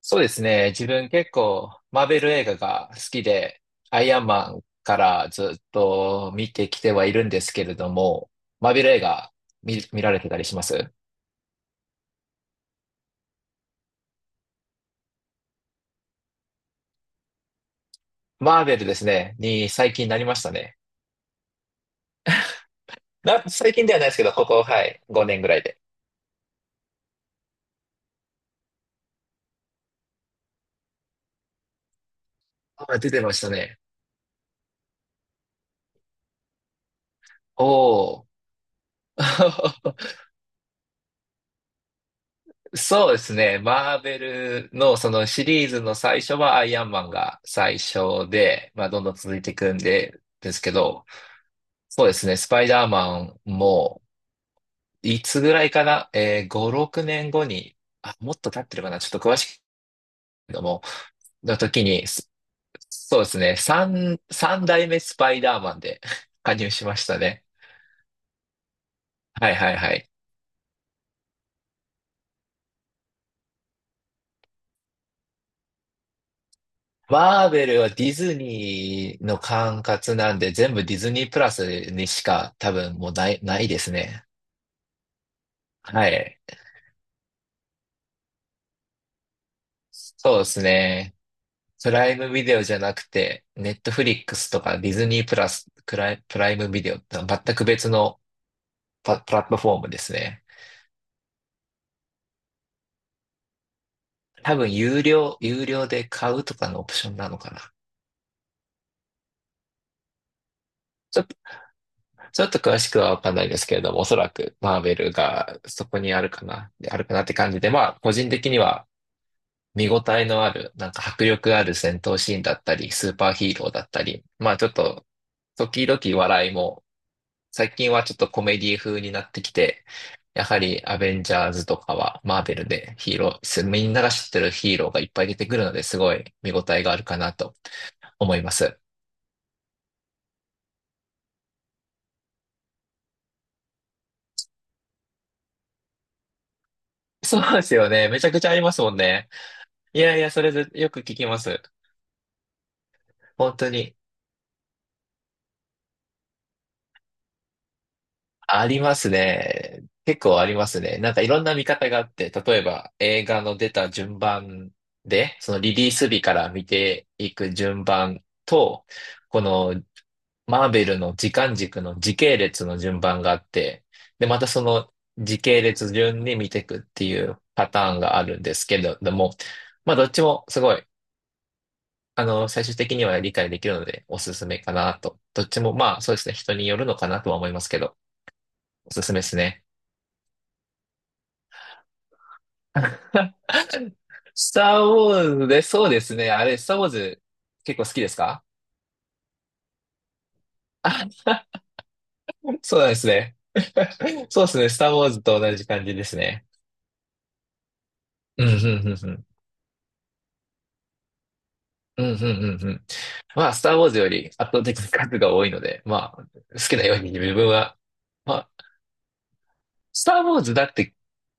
そうですね。自分結構マーベル映画が好きで、アイアンマンからずっと見てきてはいるんですけれども、マーベル映画見られてたりしますマーベルですね、に最近なりましたね。最近ではないですけど、ここ、はい、5年ぐらいで。あ、出てましたね。おー。そうですね。マーベルのそのシリーズの最初はアイアンマンが最初で、まあどんどん続いていくんで、ですけど、そうですね。スパイダーマンも、いつぐらいかな5、6年後に、あ、もっと経ってるかな、ちょっと詳しいけども、の時に、そうですね。3、三代目スパイダーマンで 加入しましたね。はいはいはい。マーベルはディズニーの管轄なんで、全部ディズニープラスにしか多分もうないですね。はい。そうですね。プライムビデオじゃなくて、ネットフリックスとかディズニープラス、クライ、プライムビデオってのは全く別のプラットフォームですね。多分有料で買うとかのオプションなのかな。ちょっと、ちょっと詳しくはわかんないですけれども、おそらくマーベルがそこにあるかな、であるかなって感じで、まあ、個人的には見応えのある、なんか迫力ある戦闘シーンだったり、スーパーヒーローだったり、まあちょっと、時々笑いも最近はちょっとコメディ風になってきて、やはりアベンジャーズとかはマーベルでヒーロー、みんなが知ってるヒーローがいっぱい出てくるのですごい見応えがあるかなと思います。そうですよね。めちゃくちゃありますもんね。いやいや、それでよく聞きます。本当にありますね。結構ありますね。なんかいろんな見方があって、例えば映画の出た順番で、そのリリース日から見ていく順番と、このマーベルの時間軸の時系列の順番があって、で、またその時系列順に見ていくっていうパターンがあるんですけれども、まあどっちもすごい、最終的には理解できるのでおすすめかなと。どっちもまあそうですね、人によるのかなとは思いますけど、おすすめですね。スターウォーズで、そうですね。あれ、スターウォーズ結構好きですか？あ、そうなんですね。そうですね。スターウォーズと同じ感じですね。うん、うん、うん、うん。うん、うん、うん。うん、まあ、スターウォーズより圧倒的に数が多いので、まあ、好きなように自分は、まあ、スター・ウォーズだって、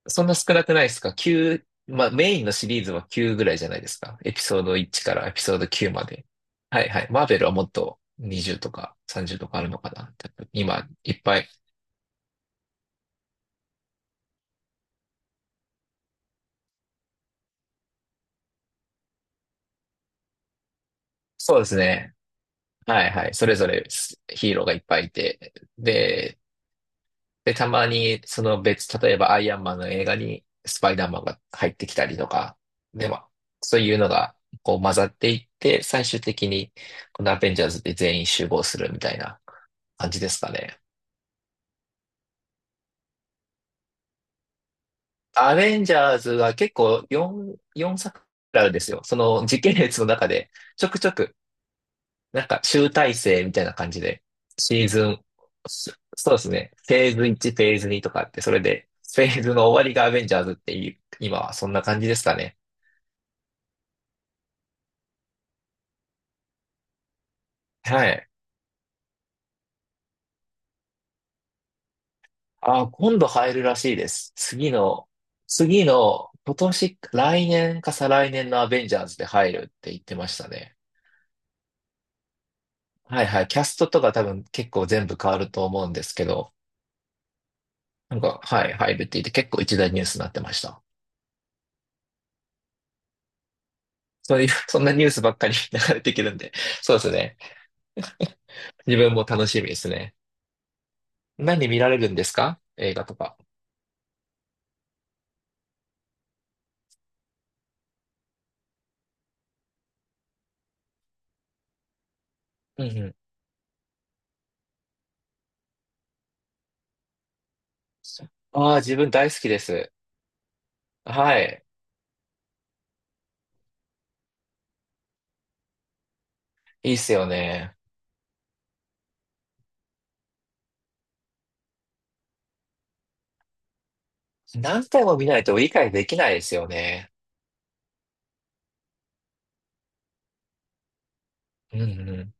そんな少なくないですか？ 9、まあメインのシリーズは9ぐらいじゃないですか。エピソード1からエピソード9まで。はいはい。マーベルはもっと20とか30とかあるのかな。今、いっぱい。そうですね。はいはい。それぞれヒーローがいっぱいいて。で、たまに、その例えばアイアンマンの映画にスパイダーマンが入ってきたりとか、で、まあ、そういうのが、こう混ざっていって、最終的に、このアベンジャーズで全員集合するみたいな感じですかね。アベンジャーズは結構4作あるんですよ。その時系列の中で、ちょくちょくなんか集大成みたいな感じで、シーズン、そそうですね。フェーズ1、フェーズ2とかあって、それで、フェーズの終わりがアベンジャーズっていう、今はそんな感じですかね。はい。今度入るらしいです。次の、今年、来年か再来年のアベンジャーズで入るって言ってましたね。はいはい。キャストとか多分結構全部変わると思うんですけど、なんか、はい、入るって言って結構一大ニュースになってました。そういう、そんなニュースばっかり 流れてくるんで、そうですね。自分も楽しみですね。何見られるんですか、映画とか？うんうん。ああ、自分大好きです。はい。いいっすよね。何回も見ないと理解できないですよね。うんうん。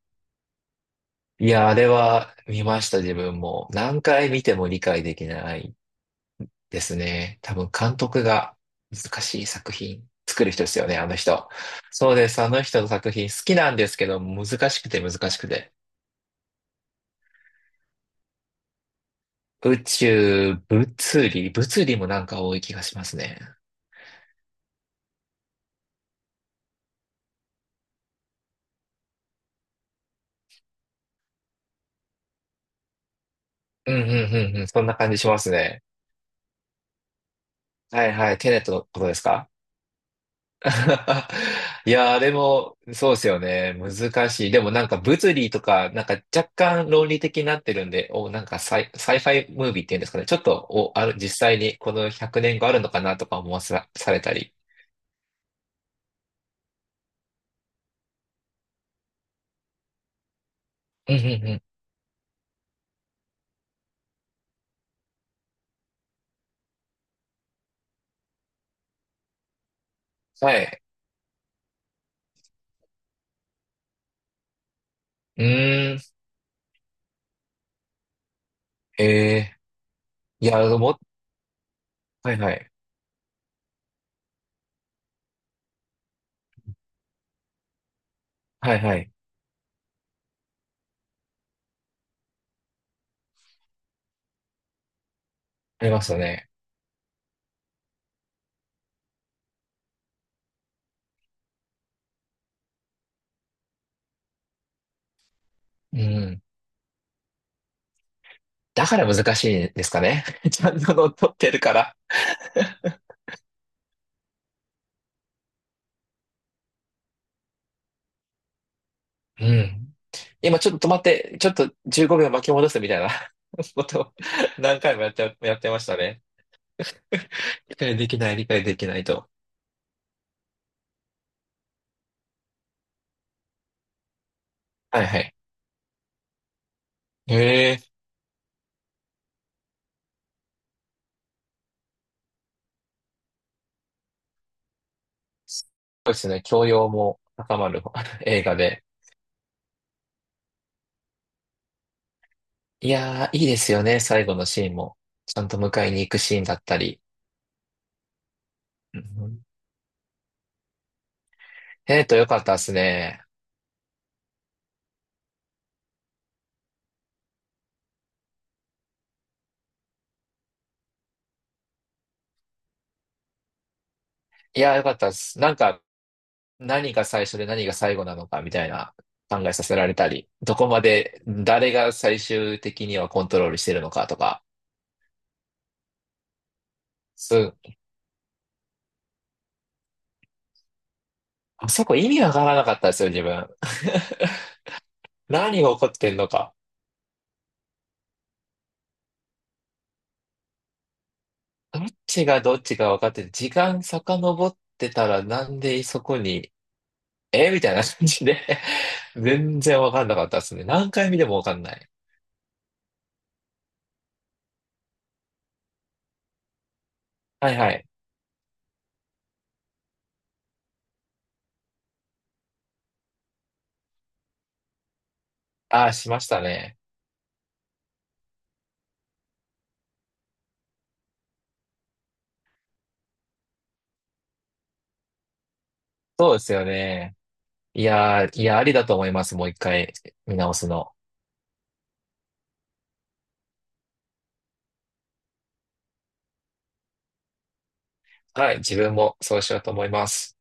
いや、あれは見ました、自分も。何回見ても理解できないですね。多分監督が難しい作品作る人ですよね、あの人。そうです、あの人の作品好きなんですけど、難しくて難しくて。宇宙、物理もなんか多い気がしますね。うんうんうんうん。そんな感じしますね。はいはい。テネットのことですか？ いやー、でも、そうですよね。難しい。でもなんか物理とか、なんか若干論理的になってるんで、なんかサイファイムービーっていうんですかね。ちょっと、実際にこの100年があるのかなとか思わさ、されたり。うんうんうん。はい。うーん。ええ、いや、もう、はいはい。はいはい。ありますよね。うん。だから難しいんですかね。ちゃんと乗っ取ってるから。うん。今ちょっと止まって、ちょっと15秒巻き戻すみたいな ことを何回もやってましたね。理解できない、理解できないと。はいはい。へえ、そうですね。教養も高まる 映画で。いやー、いいですよね。最後のシーンも。ちゃんと迎えに行くシーンだったり。うん、よかったですね。いやー、よかったです。なんか、何が最初で何が最後なのかみたいな考えさせられたり、どこまで誰が最終的にはコントロールしてるのかとか、すあそこ意味わからなかったですよ、自分。何が起こってんのか。どっちがどっちか分かってて、時間遡ってたらなんでそこに、えみたいな感じで 全然分かんなかったですね。何回見ても分かんない。はいはい。ああ、しましたね。そうですよね。いやー、いや、ありだと思います。もう一回見直すの。はい、自分もそうしようと思います。